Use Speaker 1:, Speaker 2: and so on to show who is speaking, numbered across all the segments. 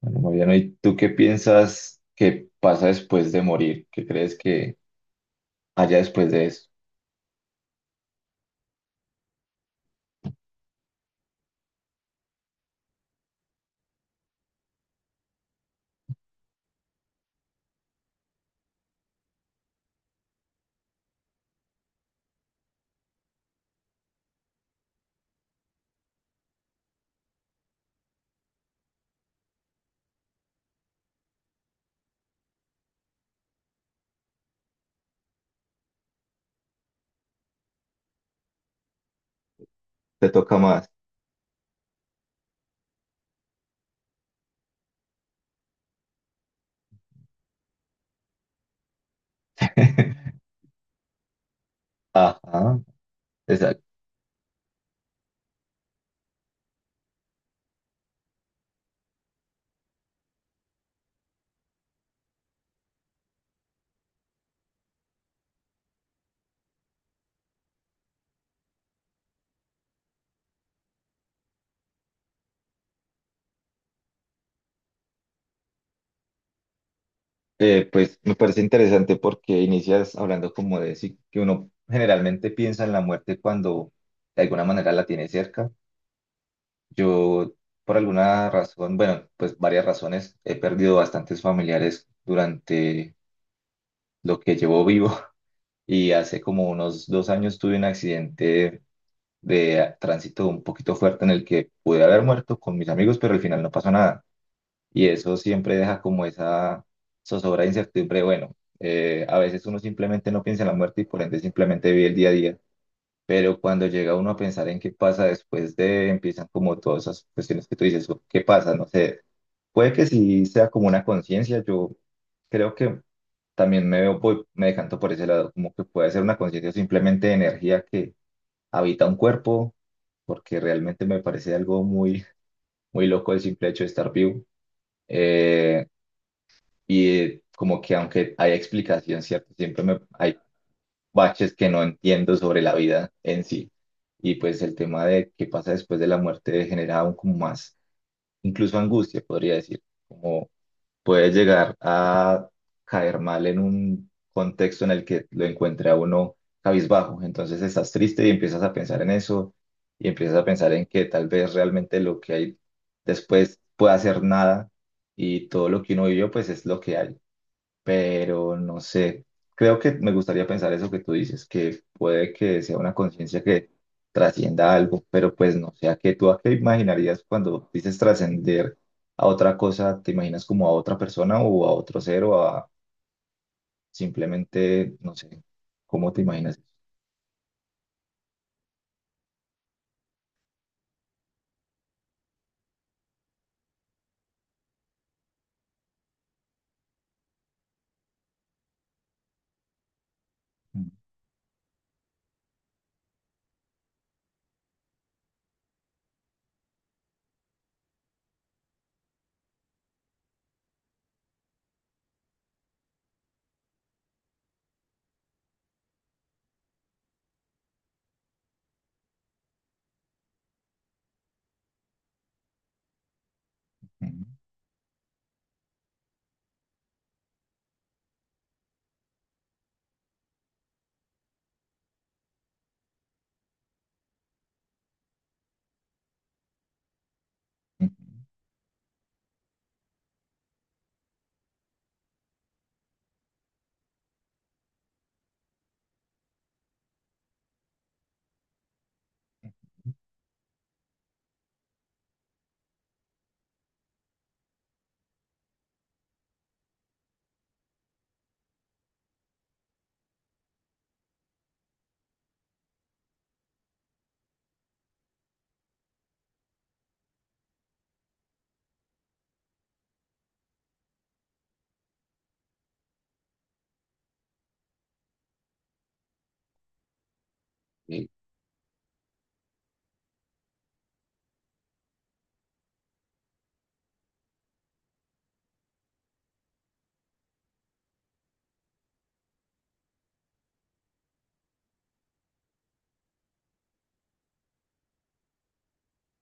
Speaker 1: Bueno, Mariano, ¿y tú qué piensas que pasa después de morir? ¿Qué crees que haya después de eso? ¿Te toca más? Ajá, exacto. Pues me parece interesante porque inicias hablando como de sí, que uno generalmente piensa en la muerte cuando de alguna manera la tiene cerca. Yo, por alguna razón, bueno, pues varias razones, he perdido bastantes familiares durante lo que llevo vivo y hace como unos 2 años tuve un accidente de tránsito un poquito fuerte en el que pude haber muerto con mis amigos, pero al final no pasó nada. Y eso siempre deja como esa zozobra de incertidumbre. Bueno, a veces uno simplemente no piensa en la muerte y por ende simplemente vive el día a día. Pero cuando llega uno a pensar en qué pasa después de, empiezan como todas esas cuestiones que tú dices, o ¿qué pasa? No sé. Puede que sí sea como una conciencia. Yo creo que también me decanto por ese lado, como que puede ser una conciencia o simplemente energía que habita un cuerpo, porque realmente me parece algo muy, muy loco el simple hecho de estar vivo. Eh, Como que aunque hay explicación, ¿cierto? Siempre me, hay baches que no entiendo sobre la vida en sí. Y pues el tema de qué pasa después de la muerte genera aún como más, incluso angustia, podría decir, como puede llegar a caer mal en un contexto en el que lo encuentre a uno cabizbajo. Entonces estás triste y empiezas a pensar en eso y empiezas a pensar en que tal vez realmente lo que hay después pueda ser nada y todo lo que uno vivió pues es lo que hay, pero no sé, creo que me gustaría pensar eso que tú dices, que puede que sea una conciencia que trascienda algo, pero pues no sé, ¿a qué imaginarías cuando dices trascender a otra cosa? ¿Te imaginas como a otra persona o a otro ser o a simplemente, no sé, cómo te imaginas eso? Ujú, ujú, ujú. Ok.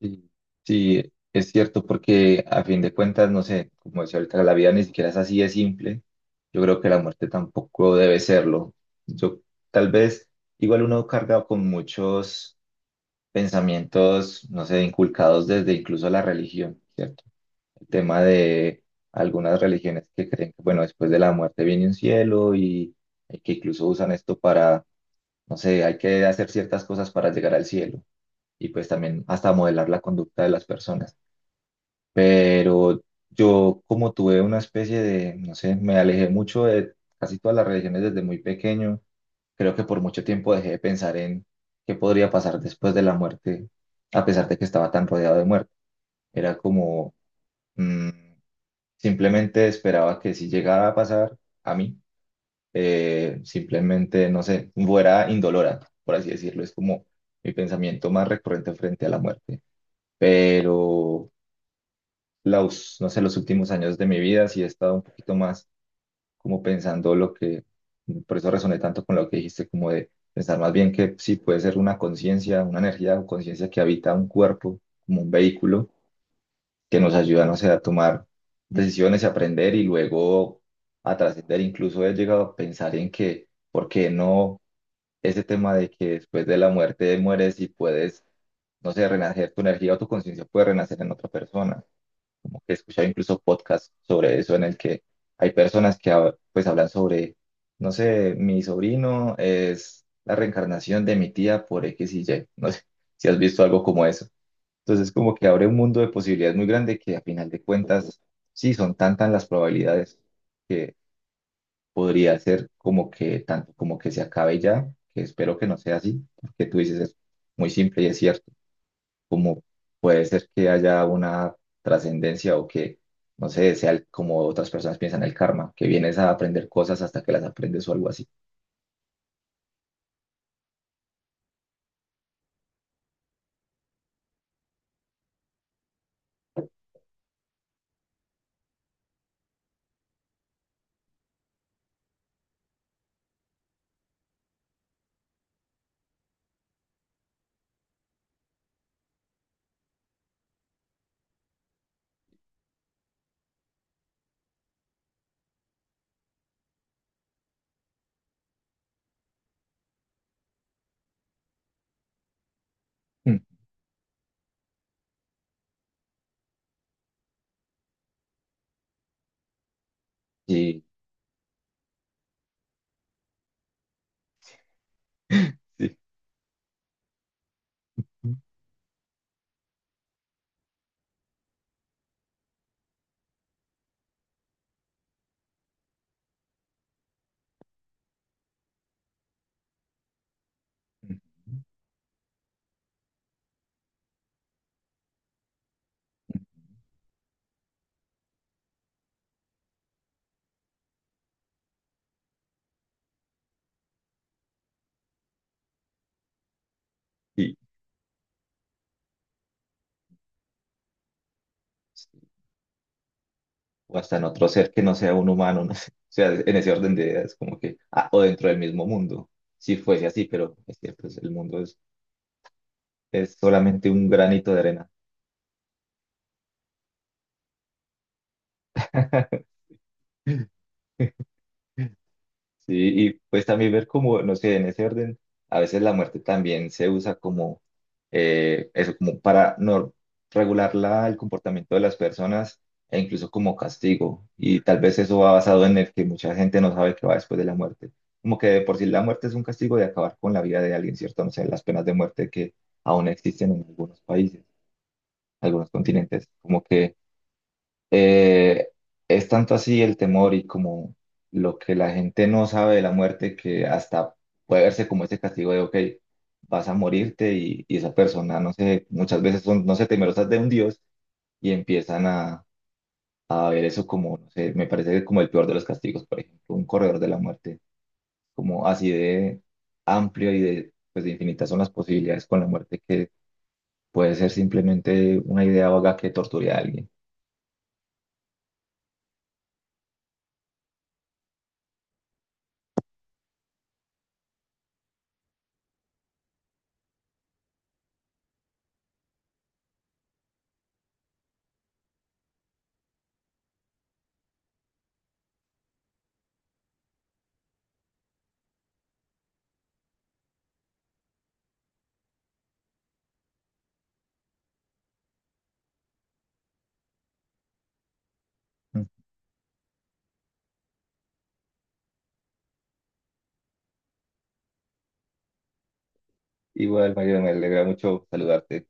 Speaker 1: Sí, sí, es cierto, porque a fin de cuentas, no sé, como decía ahorita, la vida ni siquiera es así de simple. Yo creo que la muerte tampoco debe serlo. Yo, tal vez, igual uno carga con muchos pensamientos, no sé, inculcados desde incluso la religión, ¿cierto? El tema de algunas religiones que creen que, bueno, después de la muerte viene un cielo y que incluso usan esto para, no sé, hay que hacer ciertas cosas para llegar al cielo y pues también hasta modelar la conducta de las personas, pero yo como tuve una especie de, no sé, me alejé mucho de casi todas las religiones desde muy pequeño, creo que por mucho tiempo dejé de pensar en qué podría pasar después de la muerte, a pesar de que estaba tan rodeado de muerte. Era como, mm, simplemente esperaba que si llegara a pasar a mí, simplemente, no sé, fuera indolora, por así decirlo, es como mi pensamiento más recurrente frente a la muerte. Pero los, no sé, los últimos años de mi vida, sí he estado un poquito más como pensando lo que, por eso resoné tanto con lo que dijiste, como de pensar más bien que sí puede ser una conciencia, una energía o conciencia que habita un cuerpo, como un vehículo, que nos ayuda, no sé, a tomar decisiones y aprender y luego a trascender. Incluso he llegado a pensar en que, ¿por qué no? Ese tema de que después de la muerte mueres y puedes, no sé, renacer tu energía o tu conciencia puede renacer en otra persona, como que he escuchado incluso podcasts sobre eso en el que hay personas que pues hablan sobre, no sé, mi sobrino es la reencarnación de mi tía por X y Y, no sé si has visto algo como eso. Entonces como que abre un mundo de posibilidades muy grande que a final de cuentas, sí, son tantas las probabilidades que podría ser como que tanto como que se acabe ya, que espero que no sea así, porque tú dices es muy simple y es cierto, como puede ser que haya una trascendencia o que, no sé, como otras personas piensan el karma, que vienes a aprender cosas hasta que las aprendes o algo así. Mm. Y, sí. Ujú. y- o hasta en otro ser que no sea un humano, no sé. O sea, en ese orden de ideas, como que, ah, o dentro del mismo mundo, si fuese así, pero es que pues, el mundo es solamente un granito de arena. Sí, y pues también ver cómo, no sé, en ese orden, a veces la muerte también se usa como eso, como para no regular el comportamiento de las personas e incluso como castigo. Y tal vez eso va basado en el que mucha gente no sabe qué va después de la muerte. Como que de por sí la muerte es un castigo de acabar con la vida de alguien, ¿cierto? No sé, las penas de muerte que aún existen en algunos países, algunos continentes, como que eh, es tanto así el temor y como lo que la gente no sabe de la muerte que hasta puede verse como ese castigo de, ok, vas a morirte, y esa persona, no sé, muchas veces son, no sé, temerosas de un dios y empiezan a ver eso como, no sé, me parece como el peor de los castigos, por ejemplo, un corredor de la muerte, como así de amplio y de, pues de infinitas son las posibilidades con la muerte que puede ser simplemente una idea vaga que torture a alguien. Mm. Igual, Mario, me alegra mucho saludarte.